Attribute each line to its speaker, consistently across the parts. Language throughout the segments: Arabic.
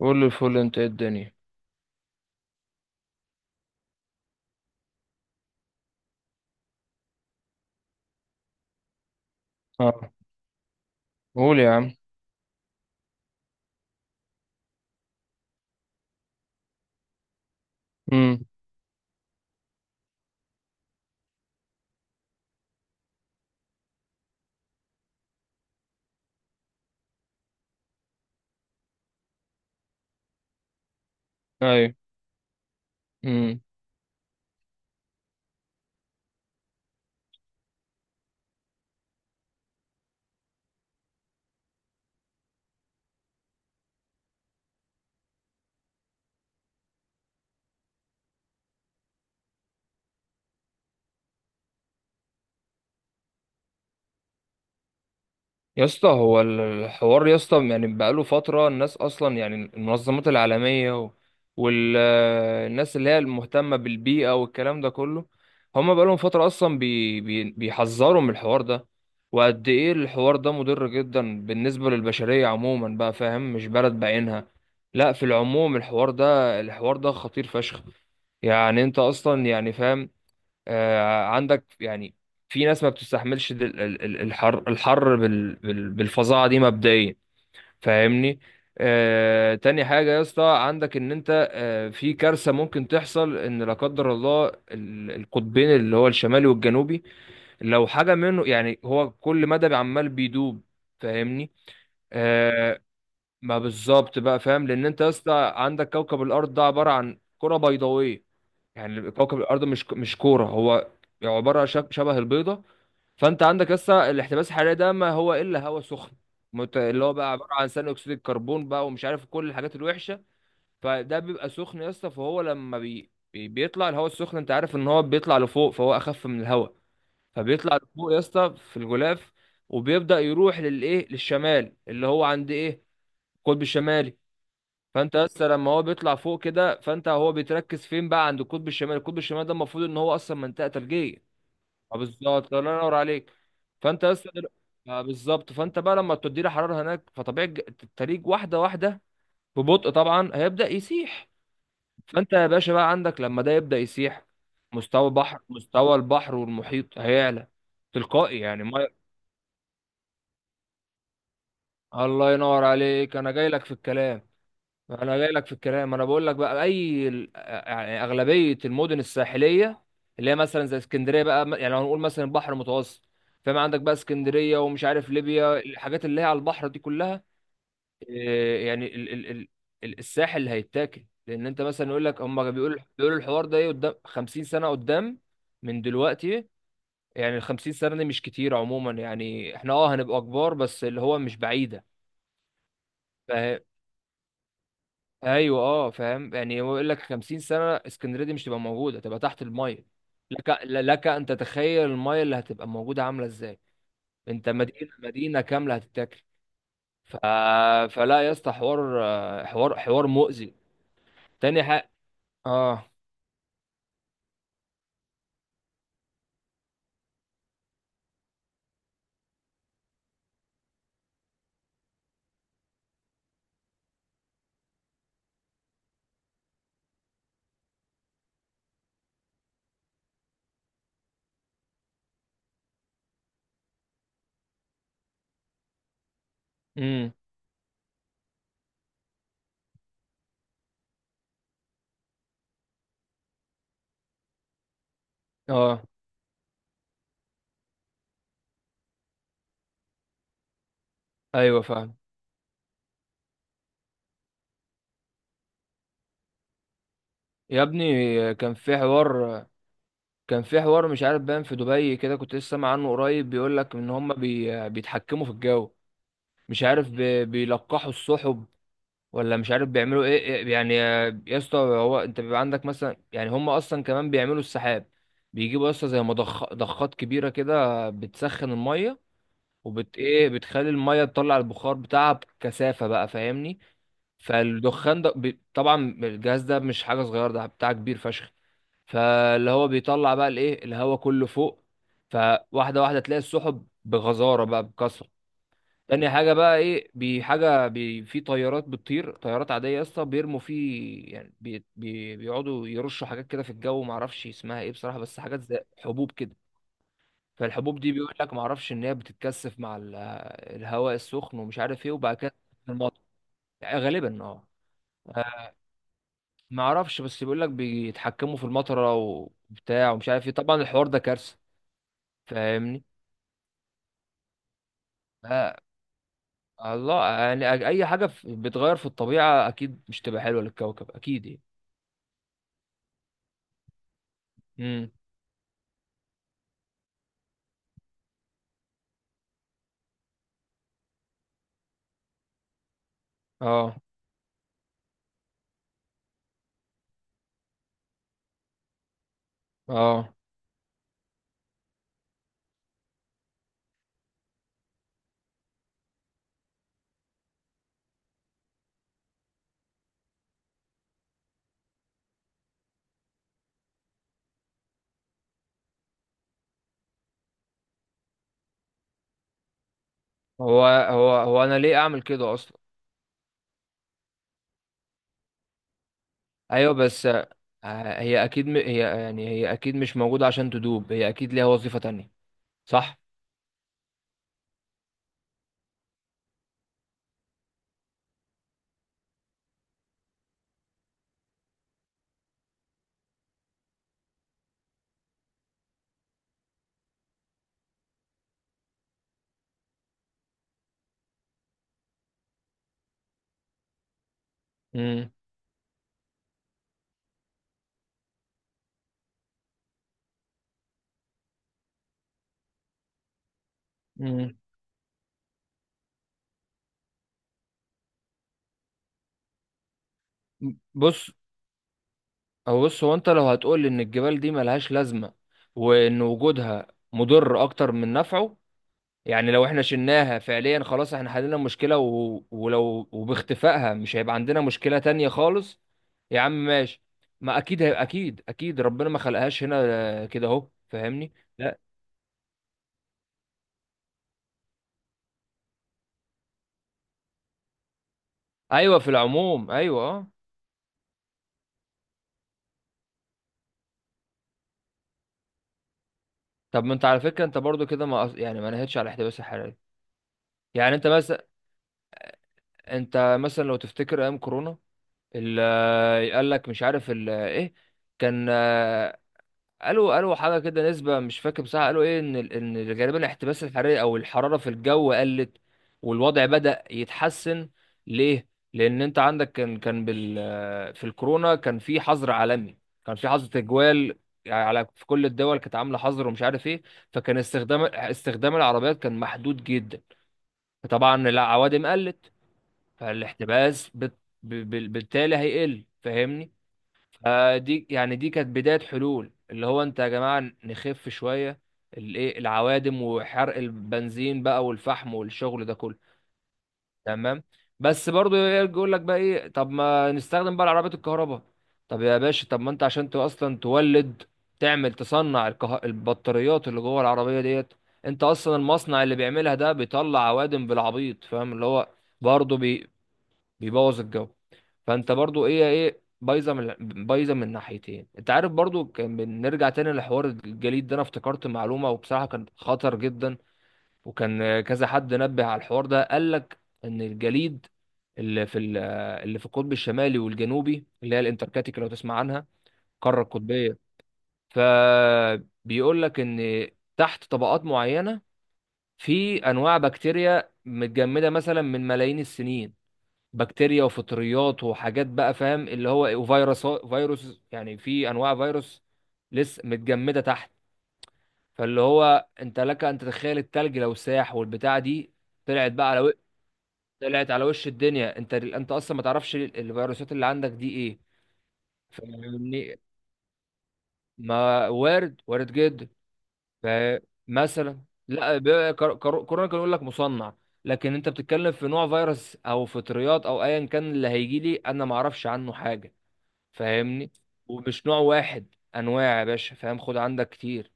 Speaker 1: قول الفل، انت ايه الدنيا؟ اه. قول يا عم. امم. ايوه. امم يا اسطى، هو الحوار يا اسطى يعني بقاله فتره، الناس اصلا يعني المنظمات العالميه والناس اللي هي المهتمه بالبيئه والكلام ده كله، هم بقالهم فتره اصلا بي بي بيحذروا من الحوار ده، وقد ايه الحوار ده مضر جدا بالنسبه للبشريه عموما، بقى فاهم؟ مش بلد بعينها، لا، في العموم الحوار ده خطير فشخ. يعني انت اصلا يعني فاهم، عندك يعني في ناس ما بتستحملش الحر الحر بالفظاعه دي مبدئيا، فاهمني؟ تاني حاجة يا اسطى، عندك ان انت في كارثة ممكن تحصل ان لا قدر الله القطبين اللي هو الشمالي والجنوبي، لو حاجة منه يعني هو كل مدى عمال بيدوب، فاهمني؟ آه، ما بالظبط بقى، فاهم؟ لان انت يا اسطى عندك كوكب الارض ده عبارة عن كرة بيضاوية، يعني كوكب الارض مش كوره، هو عباره شبه البيضه. فانت عندك لسه الاحتباس الحراري ده ما هو الا هواء سخن، اللي هو بقى عباره عن ثاني اكسيد الكربون بقى ومش عارف كل الحاجات الوحشه. فده بيبقى سخن يا اسطى، فهو لما بيطلع الهواء السخن، انت عارف ان هو بيطلع لفوق، فهو اخف من الهواء، فبيطلع لفوق يا اسطى في الغلاف، وبيبدا يروح للايه، للشمال اللي هو عند ايه، القطب الشمالي. فانت لسه لما هو بيطلع فوق كده، فانت هو بيتركز فين بقى؟ عند القطب الشمالي، القطب الشمالي ده المفروض ان هو اصلا منطقه ثلجيه. اه، بالظبط، الله ينور عليك. فانت لسه دل... اه بالظبط، فانت بقى لما تدي له حراره هناك فطبيعي التلج واحده واحده، ببطء طبعا، هيبدا يسيح. فانت يا باشا بقى عندك لما ده يبدا يسيح، مستوى البحر والمحيط هيعلى تلقائي، يعني ما... الله ينور عليك، انا جاي لك في الكلام، انا جاي لك في الكلام، انا بقول لك بقى اي يعني اغلبيه المدن الساحليه اللي هي مثلا زي اسكندريه بقى، يعني لو هنقول مثلا البحر المتوسط، فاهم؟ عندك بقى اسكندريه، ومش عارف ليبيا، الحاجات اللي هي على البحر دي كلها. يعني الساحل اللي هيتاكل، لان انت مثلا يقول لك، هم بيقولوا الحوار ده ايه، قدام 50 سنه، قدام من دلوقتي، يعني ال 50 سنه دي مش كتير عموما، يعني احنا هنبقى كبار، بس اللي هو مش بعيده. ايوه، اه، فاهم. يعني هو يقول لك 50 سنه اسكندريه دي مش تبقى موجوده، تبقى تحت الميه. لك ان تتخيل الميه اللي هتبقى موجوده عامله ازاي، انت مدينه مدينه كامله هتتاكل. ف... فلا يا اسطى، حوار مؤذي. تاني حاجه. اه. امم. اه. ايوه، فاهم. يا ابني كان في حوار، مش عارف باين في دبي كده، كنت لسه سامع عنه قريب، بيقول لك ان هم بيتحكموا في الجو. مش عارف بيلقحوا السحب، ولا مش عارف بيعملوا ايه. يعني يا اسطى، هو انت بيبقى عندك مثلا، يعني هم اصلا كمان بيعملوا السحاب. بيجيبوا يا اسطى زي ضخات كبيره كده، بتسخن الميه وبت ايه، بتخلي الميه تطلع البخار بتاعها بكثافه بقى، فاهمني؟ فالدخان ده طبعا الجهاز ده مش حاجه صغيره، ده بتاع كبير فشخ، فاللي هو بيطلع بقى الايه، الهواء كله فوق، فواحده واحده تلاقي السحب بغزاره بقى، بكثره. تاني حاجة بقى ايه، حاجة في طيارات بتطير، طيارات عادية يا اسطى، بيرموا فيه، يعني بي بي بيقعدوا يرشوا حاجات كده في الجو، ما اعرفش اسمها ايه بصراحة، بس حاجات زي حبوب كده، فالحبوب دي بيقول لك، ما اعرفش، ان هي بتتكثف مع الهواء السخن ومش عارف ايه، وبعد كده في المطر، يعني غالبا اه. ما اعرفش، بس بيقول لك بيتحكموا في المطرة وبتاع ومش عارف ايه، طبعا الحوار ده كارثة، فاهمني؟ آه الله، يعني اي حاجة بتغير في الطبيعة اكيد مش تبقى حلوة للكوكب، اكيد يعني. امم. اه. اه. هو انا ليه اعمل كده اصلا؟ ايوه بس هي اكيد هي يعني هي اكيد مش موجوده عشان تدوب، هي اكيد ليها وظيفه تانية، صح. امم. امم. بص، هو انت لو هتقول ان الجبال دي ملهاش لازمه، وان وجودها مضر اكتر من نفعه، يعني لو احنا شلناها فعليا، خلاص احنا حللنا المشكلة ولو وباختفائها مش هيبقى عندنا مشكلة تانية خالص. يا عم ماشي، ما اكيد هيبقى، اكيد اكيد ربنا ما خلقهاش هنا كده اهو، فاهمني؟ لا. ايوه، في العموم، ايوه، اه. طب ما انت على فكرة، انت برضو كده، ما يعني ما نهتش على الاحتباس الحراري. يعني انت مثلا، لو تفتكر ايام كورونا، قال لك مش عارف ايه كان، قالوا حاجه كده، نسبه مش فاكر بصراحه، قالوا ايه ان ان غالبا الاحتباس الحراري او الحراره في الجو قلت، والوضع بدأ يتحسن. ليه؟ لان انت عندك كان في الكورونا كان في حظر عالمي، كان في حظر تجوال، يعني على في كل الدول كانت عامله حظر ومش عارف ايه، فكان استخدام العربيات كان محدود جدا، فطبعا العوادم قلت، فالاحتباس بالتالي هيقل، فاهمني؟ دي يعني دي كانت بداية حلول، اللي هو انت يا جماعة نخف شوية الايه، العوادم وحرق البنزين بقى والفحم والشغل ده كله، تمام. بس برضو يقول لك بقى ايه، طب ما نستخدم بقى العربيات الكهرباء. طب يا باشا، طب ما انت عشان اصلا تولد، تعمل تصنع البطاريات اللي جوه العربية ديت، انت اصلا المصنع اللي بيعملها ده بيطلع عوادم بالعبيط، فاهم؟ اللي هو برضه بيبوظ الجو، فانت برضو ايه، بايظه من، بايظه من ناحيتين. انت عارف، برضو كان بنرجع تاني لحوار الجليد ده، انا افتكرت معلومه وبصراحه كان خطر جدا، وكان كذا حد نبه على الحوار ده، قال لك ان الجليد اللي في ال- اللي في القطب الشمالي والجنوبي اللي هي الانتاركتيك لو تسمع عنها، القاره القطبيه، فبيقول لك ان تحت طبقات معينه في انواع بكتيريا متجمده مثلا من ملايين السنين، بكتيريا وفطريات وحاجات بقى، فاهم اللي هو وفيروس يعني في انواع فيروس لسه متجمده تحت. فاللي هو انت لك ان تتخيل التلج لو ساح والبتاع دي طلعت بقى على و... طلعت على وش الدنيا، انت اصلا ما تعرفش الفيروسات اللي عندك دي ايه، فاهمني؟ ما وارد، وارد جدا. فمثلا لا، كورونا كان يقول لك مصنع، لكن انت بتتكلم في نوع فيروس او فطريات او ايا كان اللي هيجي لي انا ما اعرفش عنه حاجه، فاهمني؟ ومش نوع واحد، انواع يا باشا، فاهم؟ خد عندك كتير.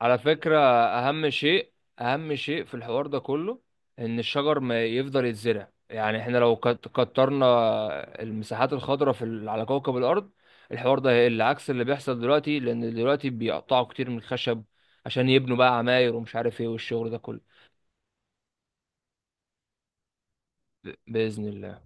Speaker 1: على فكرة، اهم شيء في الحوار ده كله، ان الشجر ما يفضل يتزرع، يعني احنا لو كترنا المساحات الخضراء على كوكب الارض، الحوار ده هيقل عكس اللي بيحصل دلوقتي، لان دلوقتي بيقطعوا كتير من الخشب عشان يبنوا بقى عماير ومش عارف ايه والشغل ده كله، بإذن الله.